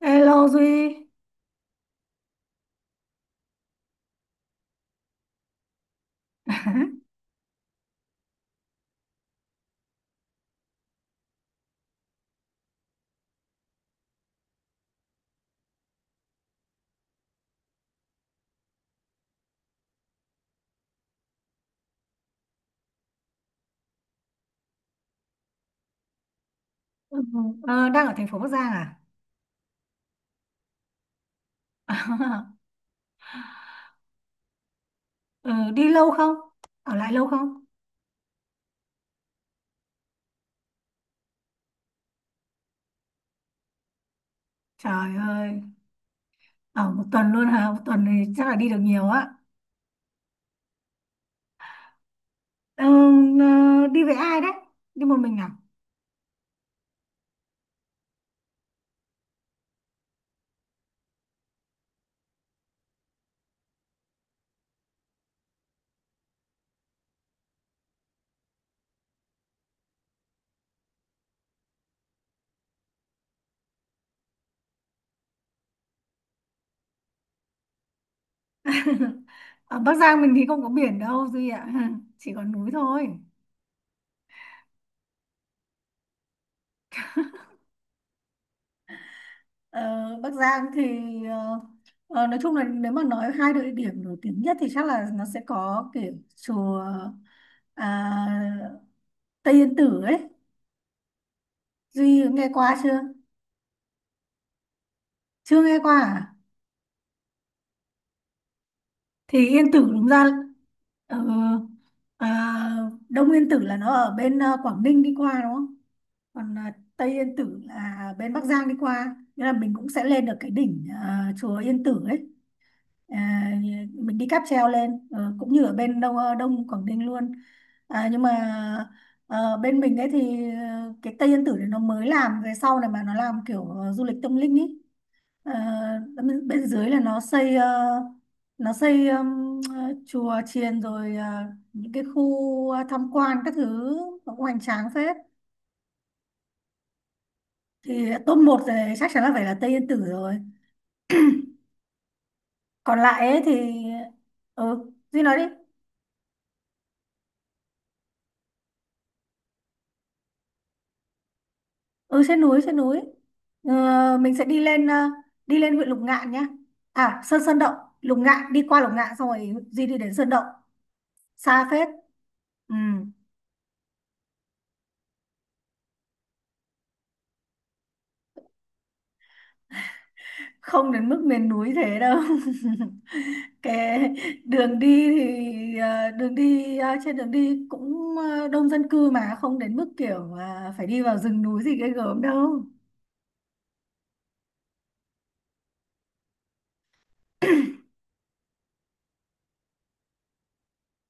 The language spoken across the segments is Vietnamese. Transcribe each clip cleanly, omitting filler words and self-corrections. Hello Duy Ừ, đang ở thành phố Bắc Giang à? Ờ, đi lâu không? Ở lại lâu không? Trời ơi, ở một tuần luôn hả? Một tuần thì chắc là đi được nhiều á. Ờ, đi với ai đấy? Đi một mình à? Ở Bắc Giang mình thì không có biển đâu Duy ạ, chỉ có núi thôi. Ờ, Bắc Giang thì ờ, nói chung là nếu mà nói hai địa điểm nổi tiếng nhất thì chắc là nó sẽ có kiểu chùa à, Tây Yên Tử ấy. Duy có nghe qua chưa? Chưa nghe qua à? Thì Yên Tử đúng ra ờ, à, Đông Yên Tử là nó ở bên Quảng Ninh đi qua đúng không? Còn Tây Yên Tử là bên Bắc Giang đi qua. Nên là mình cũng sẽ lên được cái đỉnh chùa Yên Tử ấy. à, mình đi cáp treo lên cũng như ở bên Đông Đông Quảng Ninh luôn. À, nhưng mà bên mình ấy thì cái Tây Yên Tử này nó mới làm về sau này mà nó làm kiểu du lịch tâm linh ấy. Ờ, bên, bên dưới là nó xây nó xây chùa chiền rồi những cái khu tham quan các thứ nó cũng hoành tráng phết. Thì top một rồi chắc chắn là phải là Tây Yên Tử rồi, còn lại ấy thì ừ Duy nói đi. Ừ trên núi trên núi, mình sẽ đi lên đi lên huyện Lục Ngạn nhá, à Sơn Sơn Động. Lục Ngạn đi qua Lục Ngạn xong rồi Duy đi đến Sơn Động xa phết. Ừ. Không đến mức miền núi thế đâu. Cái đường đi thì đường đi trên đường đi cũng đông dân cư mà không đến mức kiểu phải đi vào rừng núi gì ghê gớm đâu.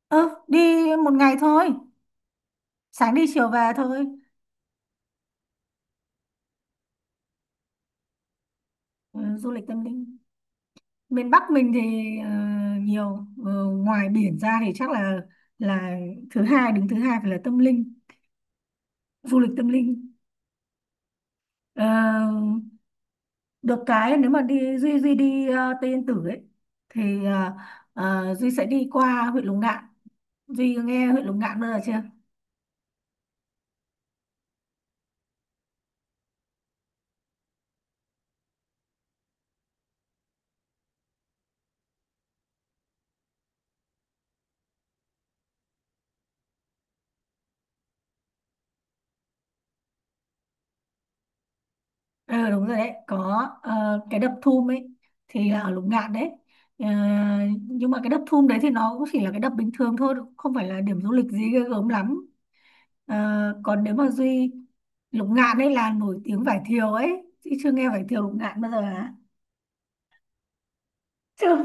Ừ đi một ngày thôi, sáng đi chiều về thôi. Ừ, du lịch tâm linh miền Bắc mình thì ờ, nhiều ngoài biển ra thì chắc là thứ hai đứng thứ hai phải là tâm linh du lịch tâm linh. Ờ, được cái nếu mà đi Duy Duy đi Tây Yên Tử ấy thì Duy sẽ đi qua huyện Lục Ngạn. Duy nghe huyện Lục Ngạn bao giờ chưa? Ờ đúng rồi đấy, có cái đập Thum ấy thì là ở Lục Ngạn đấy. Ờ, nhưng mà cái đập Thum đấy thì nó cũng chỉ là cái đập bình thường thôi, không phải là điểm du lịch gì ghê gớm lắm. Ờ, còn nếu mà Duy Lục Ngạn ấy là nổi tiếng vải thiều ấy, chị chưa nghe vải thiều Lục Ngạn bao giờ hả? Chưa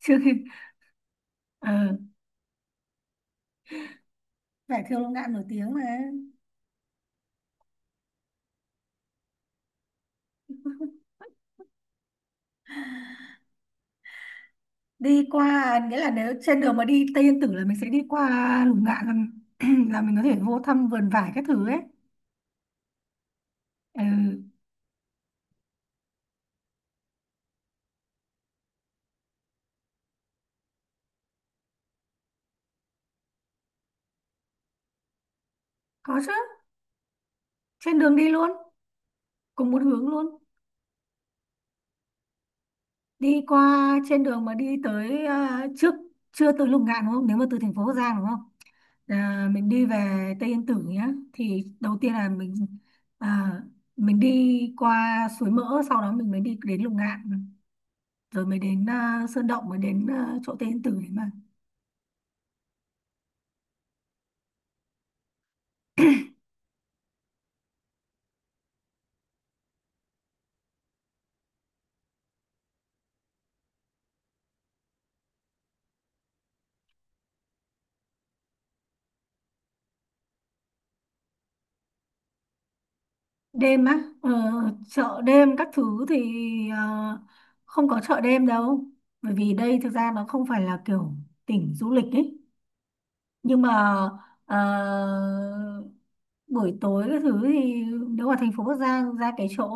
chưa nghe. Ờ, vải thiều Lục Ngạn nổi tiếng mà. Đi qua nghĩa là nếu trên đường mà đi Tây Yên Tử là mình sẽ đi qua Lục Ngạn là, là mình có thể vô thăm vườn vải các thứ ấy. Ừ, có chứ, trên đường đi luôn, cùng một hướng luôn. Đi qua trên đường mà đi tới trước chưa tới Lục Ngạn đúng không, nếu mà từ thành phố Bắc Giang đúng không. Mình đi về Tây Yên Tử nhá thì đầu tiên là mình, à, mình đi qua Suối Mỡ sau đó mình mới đi đến Lục Ngạn rồi mới đến Sơn Động mới đến chỗ Tây Yên Tử đấy mà. Đêm á chợ đêm các thứ thì ờ, không có chợ đêm đâu, bởi vì đây thực ra nó không phải là kiểu tỉnh du lịch ấy. Nhưng mà ờ, buổi tối các thứ thì nếu mà thành phố Bắc Giang ra cái chỗ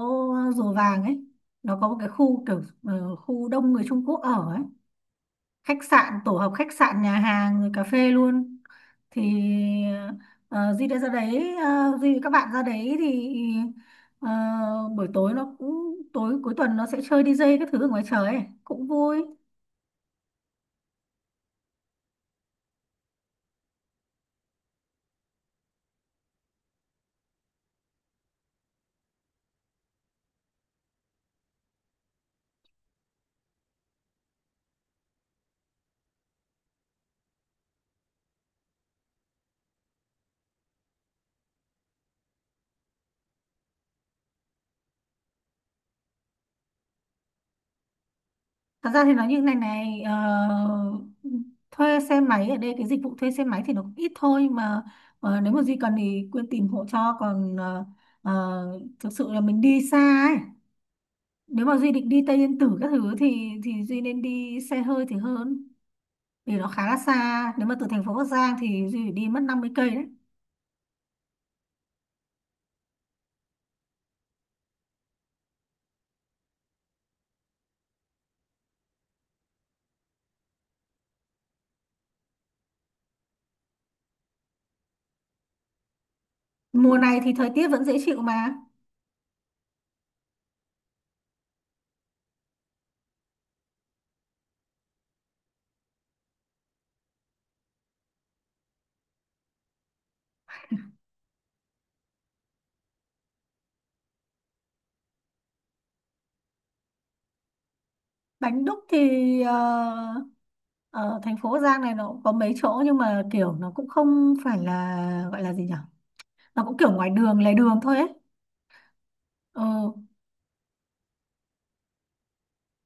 Rùa Vàng ấy, nó có một cái khu kiểu khu đông người Trung Quốc ở ấy, khách sạn tổ hợp khách sạn nhà hàng rồi cà phê luôn. Thì ờ, Duy đã ra đấy Duy với các bạn ra đấy thì ờ, buổi tối nó cũng tối cuối tuần nó sẽ chơi đi DJ các thứ ở ngoài trời ấy. Cũng vui. Thật ra thì nói như này này thuê xe máy ở đây cái dịch vụ thuê xe máy thì nó cũng ít thôi mà. Nếu mà Duy cần thì Quyên tìm hộ cho, còn thực sự là mình đi xa ấy. Nếu mà Duy định đi Tây Yên Tử các thứ thì Duy nên đi xe hơi thì hơn, vì nó khá là xa. Nếu mà từ thành phố Bắc Giang thì Duy phải đi mất 50 cây đấy. Mùa này thì thời tiết vẫn dễ chịu mà. Bánh đúc thì ở thành phố Bắc Giang này nó cũng có mấy chỗ nhưng mà kiểu nó cũng không phải là gọi là gì nhỉ, nó cũng kiểu ngoài đường lề đường thôi ấy. Ừ,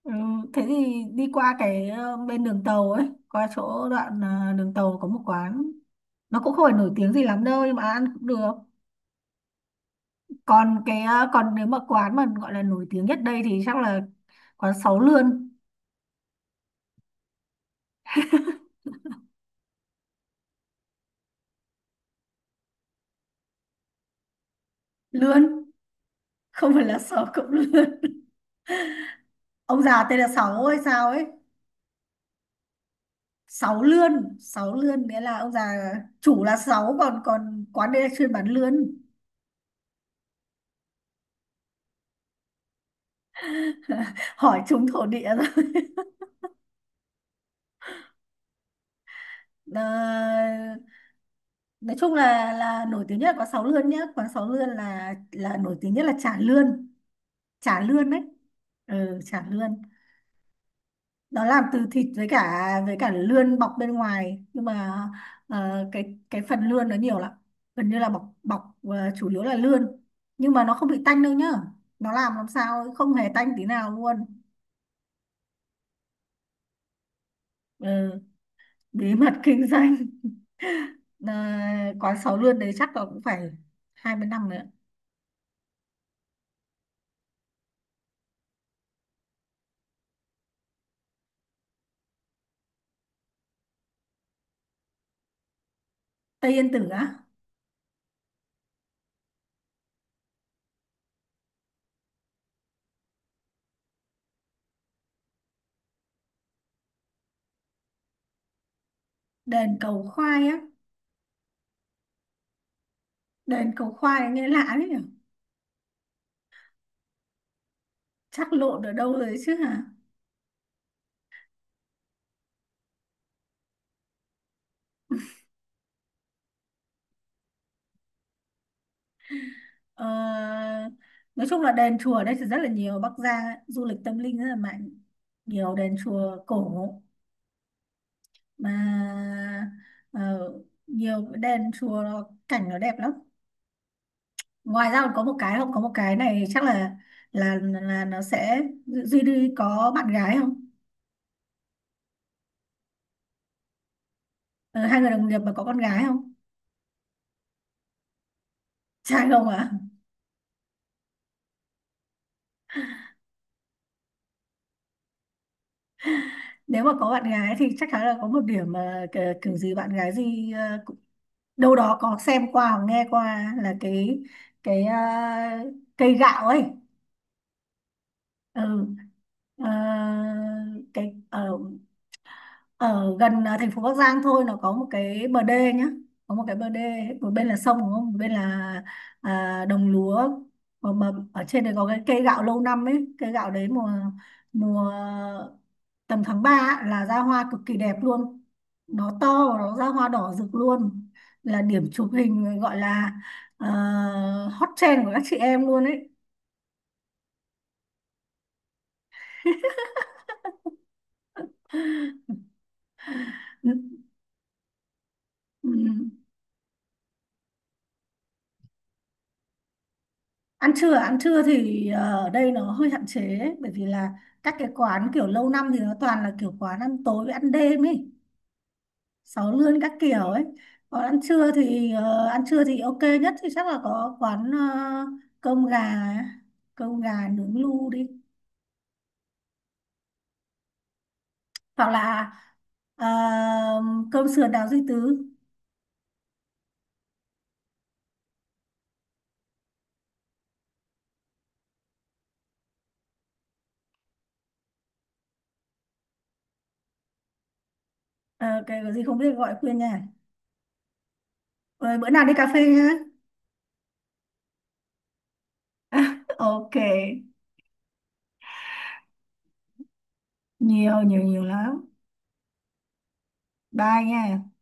ừ. Thế thì đi qua cái bên đường tàu ấy qua chỗ đoạn đường tàu có một quán, nó cũng không phải nổi tiếng gì lắm đâu nhưng mà ăn cũng được. Còn cái còn nếu mà quán mà gọi là nổi tiếng nhất đây thì chắc là quán sáu lươn. Lươn, không phải là sáu cộng lươn, ông già tên là sáu hay sao ấy. Sáu lươn sáu lươn nghĩa là ông già chủ là sáu, còn còn quán đây là chuyên bán lươn. Hỏi chúng thổ địa. Ờ, nói chung là nổi tiếng nhất là quán Sáu Lươn nhá, quán Sáu Lươn là nổi tiếng nhất là chả lươn, chả lươn đấy. Ừ, chả lươn, nó làm từ thịt với cả lươn bọc bên ngoài, nhưng mà cái phần lươn nó nhiều lắm, gần như là bọc bọc chủ yếu là lươn. Nhưng mà nó không bị tanh đâu nhá, nó làm sao không hề tanh tí nào luôn. Ừ, bí mật kinh doanh. Ờ, quán Sáu Lươn đấy chắc là cũng phải 20 năm rồi ạ. Tây Yên Tử á. Đền cầu khoai á. Đền cầu khoai nghe lạ đấy nhỉ. Chắc lộn ở đâu rồi chứ hả. ờ, Nói chung là đền chùa ở đây thì rất là nhiều, Bắc Giang ấy, du lịch tâm linh rất là mạnh. Nhiều đền chùa cổ. Mà ờ, nhiều đền chùa nó, cảnh nó đẹp lắm. Ngoài ra còn có một cái không, có một cái này chắc là nó sẽ Duy Duy có bạn gái không? Ờ, Hai người đồng nghiệp mà có con gái không? Trai không ạ? Nếu mà có bạn gái thì chắc chắn là có một điểm mà kiểu gì bạn gái gì đâu đó có xem qua hoặc nghe qua là cái cây gạo ấy. Ừ. Ờ, cái ở gần thành phố Bắc Giang thôi, nó có một cái bờ đê nhá, có một cái bờ đê một bên là sông đúng không một bên là đồng lúa. Mà ở trên đấy có cái cây gạo lâu năm ấy, cây gạo đấy mùa mùa tầm tháng 3 là ra hoa cực kỳ đẹp luôn, nó to và nó ra hoa đỏ rực luôn. Là điểm chụp hình gọi là à, hot trend của các chị em luôn ấy. Ừ. Ăn trưa à? Ăn trưa thì ở đây nó hơi hạn chế ấy, bởi vì là các cái quán kiểu lâu năm thì nó toàn là kiểu quán ăn tối với ăn đêm ấy, sáu lươn các kiểu ấy. Còn ăn trưa thì ăn trưa thì ok nhất thì chắc là có quán cơm gà, cơm gà nướng lu đi. Hoặc là ờ, cơm sườn đào duy tứ. Ờ, cái gì không biết gọi khuyên nha. Ờ, bữa nào đi cà phê nhá. Ok. Nhiều nhiều nhiều lắm. Bye nha.